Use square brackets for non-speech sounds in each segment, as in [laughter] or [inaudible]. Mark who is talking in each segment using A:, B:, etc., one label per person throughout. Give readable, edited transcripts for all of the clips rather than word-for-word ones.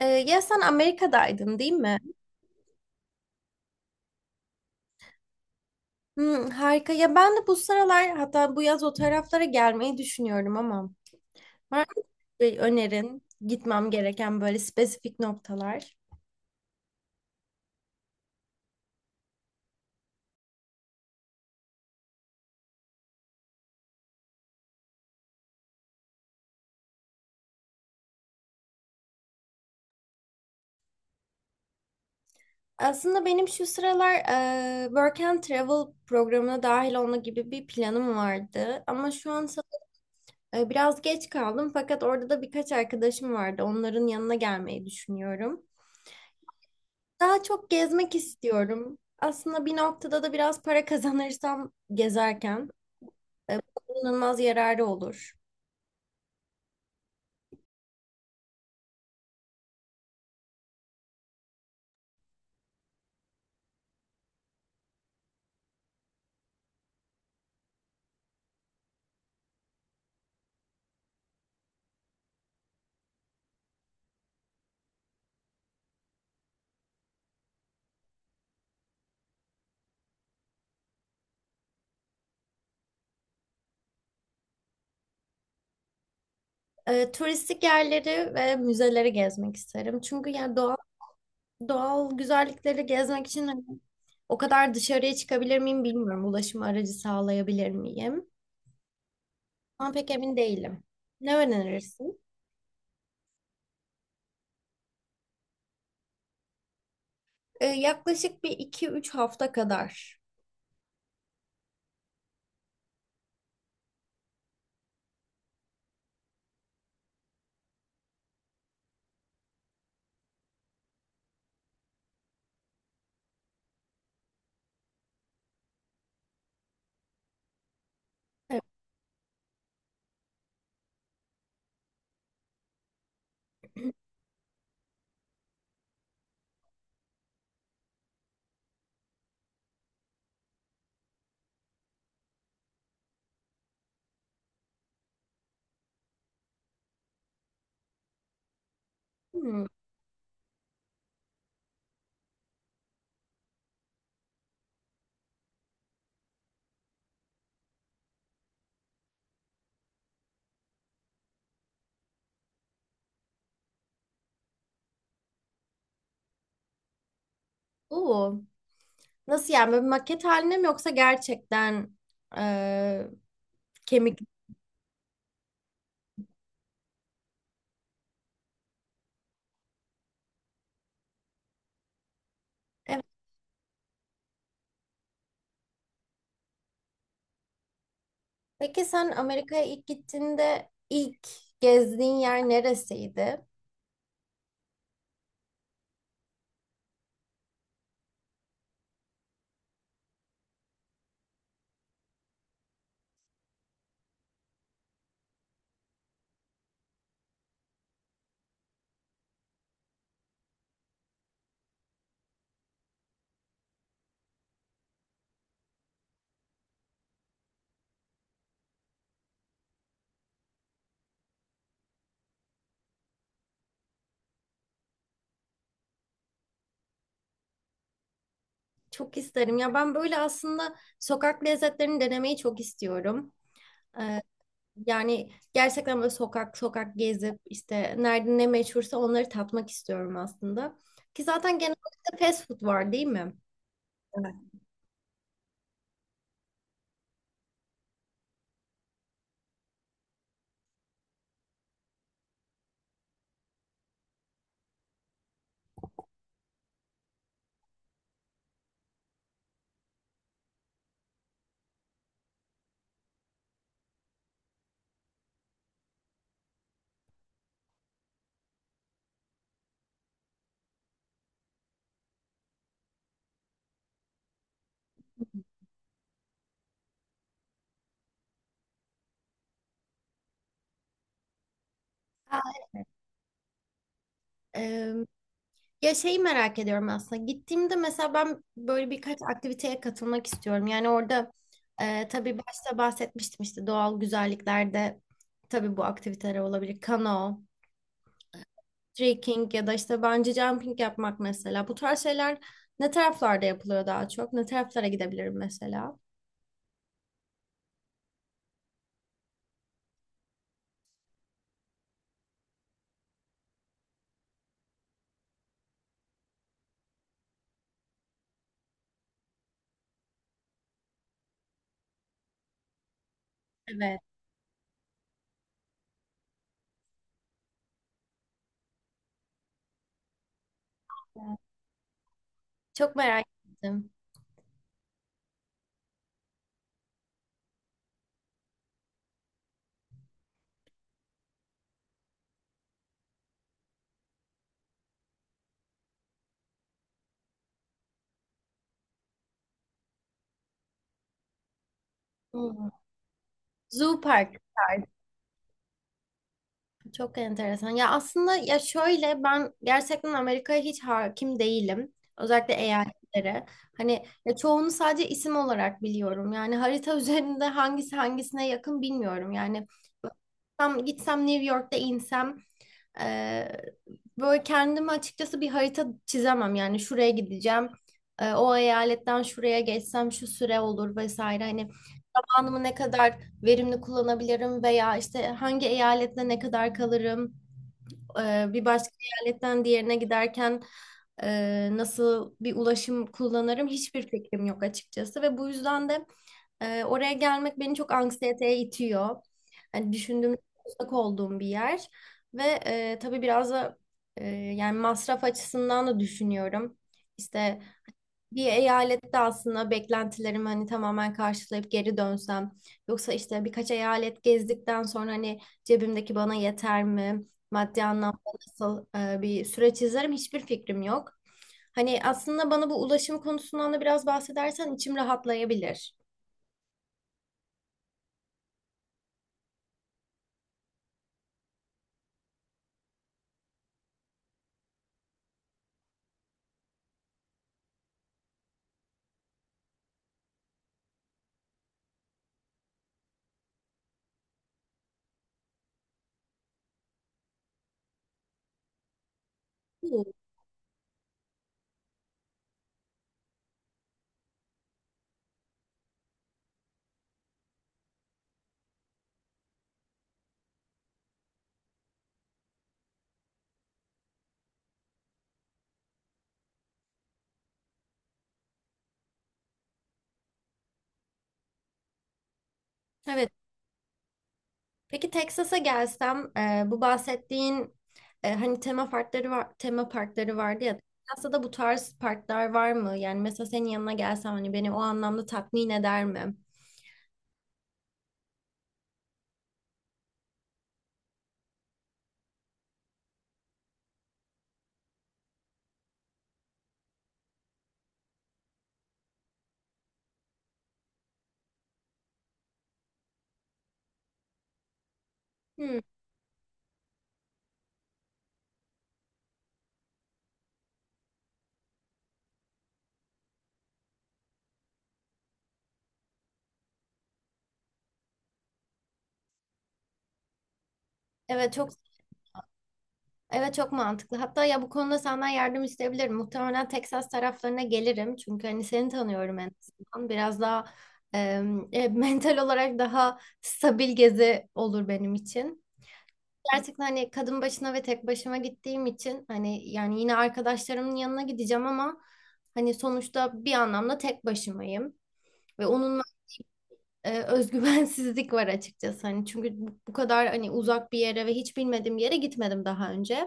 A: Ya sen Amerika'daydın değil mi? Hmm, harika. Ya ben de bu sıralar hatta bu yaz o taraflara gelmeyi düşünüyorum ama var mı bir önerin gitmem gereken böyle spesifik noktalar? Aslında benim şu sıralar Work and Travel programına dahil olma gibi bir planım vardı. Ama şu an sa- e, biraz geç kaldım fakat orada da birkaç arkadaşım vardı. Onların yanına gelmeyi düşünüyorum. Daha çok gezmek istiyorum. Aslında bir noktada da biraz para kazanırsam gezerken. Bu kullanılmaz yararı olur. Turistik yerleri ve müzeleri gezmek isterim. Çünkü yani doğal güzellikleri gezmek için hani o kadar dışarıya çıkabilir miyim bilmiyorum. Ulaşım aracı sağlayabilir miyim? Ama pek emin değilim. Ne önerirsin? Yaklaşık bir iki üç hafta kadar. Evet. [clears throat] Hmm. Oo. Nasıl yani böyle bir maket haline mi yoksa gerçekten e, kemik? Evet. Peki sen Amerika'ya ilk gittiğinde ilk gezdiğin yer neresiydi? Çok isterim. Ya ben böyle aslında sokak lezzetlerini denemeyi çok istiyorum. Ee, Yani gerçekten böyle sokak sokak gezip işte nerede ne meşhursa onları tatmak istiyorum aslında. Ki zaten genelde fast food var değil mi? Evet. Ee, Ya şeyi merak ediyorum aslında. Gittiğimde mesela ben böyle birkaç aktiviteye katılmak istiyorum. Yani orada tabii başta bahsetmiştim işte doğal güzelliklerde tabii bu aktiviteler olabilir. Kano, trekking ya da işte bungee jumping yapmak mesela. Bu tarz şeyler ne taraflarda yapılıyor daha çok? Ne taraflara gidebilirim mesela? Evet. Çok merak ettim. Hmm. Zoo Park tarzı. Çok enteresan. Ya aslında ya şöyle ben gerçekten Amerika'ya hiç hakim değilim. Özellikle eyaletlere. Hani ya çoğunu sadece isim olarak biliyorum. Yani harita [laughs] üzerinde hangisi hangisine yakın bilmiyorum. Yani tam gitsem New York'ta insem e, böyle kendimi açıkçası bir harita çizemem. Yani şuraya gideceğim. O eyaletten şuraya geçsem şu süre olur vesaire. Hani zamanımı ne kadar verimli kullanabilirim veya işte hangi eyalette ne kadar kalırım, bir başka eyaletten diğerine giderken nasıl bir ulaşım kullanırım hiçbir fikrim yok açıkçası ve bu yüzden de oraya gelmek beni çok anksiyeteye itiyor. Hani düşündüğümde uzak olduğum bir yer ve tabii biraz da yani masraf açısından da düşünüyorum. İşte bir eyalette aslında beklentilerimi hani tamamen karşılayıp geri dönsem yoksa işte birkaç eyalet gezdikten sonra hani cebimdeki bana yeter mi? Maddi anlamda nasıl bir süreç izlerim hiçbir fikrim yok. Hani aslında bana bu ulaşım konusundan da biraz bahsedersen içim rahatlayabilir. Bu. Evet. Peki Texas'a gelsem bu bahsettiğin hani tema parkları var, tema parkları vardı ya. Texas'ta da bu tarz parklar var mı? Yani mesela senin yanına gelsem hani beni o anlamda tatmin eder mi? Hmm, evet, çok evet, çok mantıklı. Hatta ya bu konuda senden yardım isteyebilirim. Muhtemelen Texas taraflarına gelirim. Çünkü hani seni tanıyorum en azından. Biraz daha [laughs] mental olarak daha stabil gezi olur benim için. Gerçekten hani kadın başına ve tek başıma gittiğim için hani yani yine arkadaşlarımın yanına gideceğim ama hani sonuçta bir anlamda tek başımayım. Ve onun [laughs] özgüvensizlik var açıkçası. Hani çünkü bu kadar hani uzak bir yere ve hiç bilmediğim bir yere gitmedim daha önce.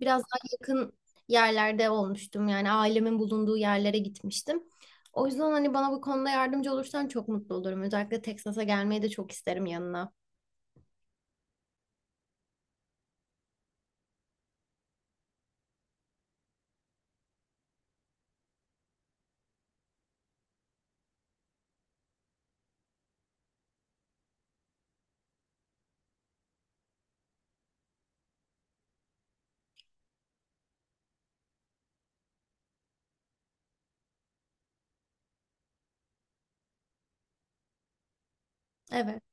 A: Biraz daha yakın yerlerde olmuştum. Yani ailemin bulunduğu yerlere gitmiştim. O yüzden hani bana bu konuda yardımcı olursan çok mutlu olurum. Özellikle Texas'a gelmeyi de çok isterim yanına. Evet,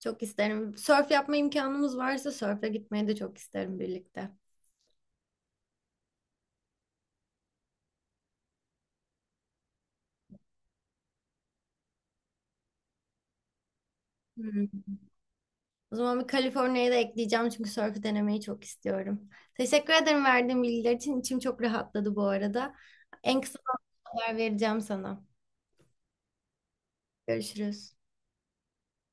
A: çok isterim. Sörf yapma imkanımız varsa sörfe gitmeyi de çok isterim birlikte. Hmm. O zaman bir Kaliforniya'yı da ekleyeceğim çünkü sörfü denemeyi çok istiyorum. Teşekkür ederim verdiğin bilgiler için. İçim çok rahatladı bu arada. En kısa zamanda haber vereceğim sana. Görüşürüz.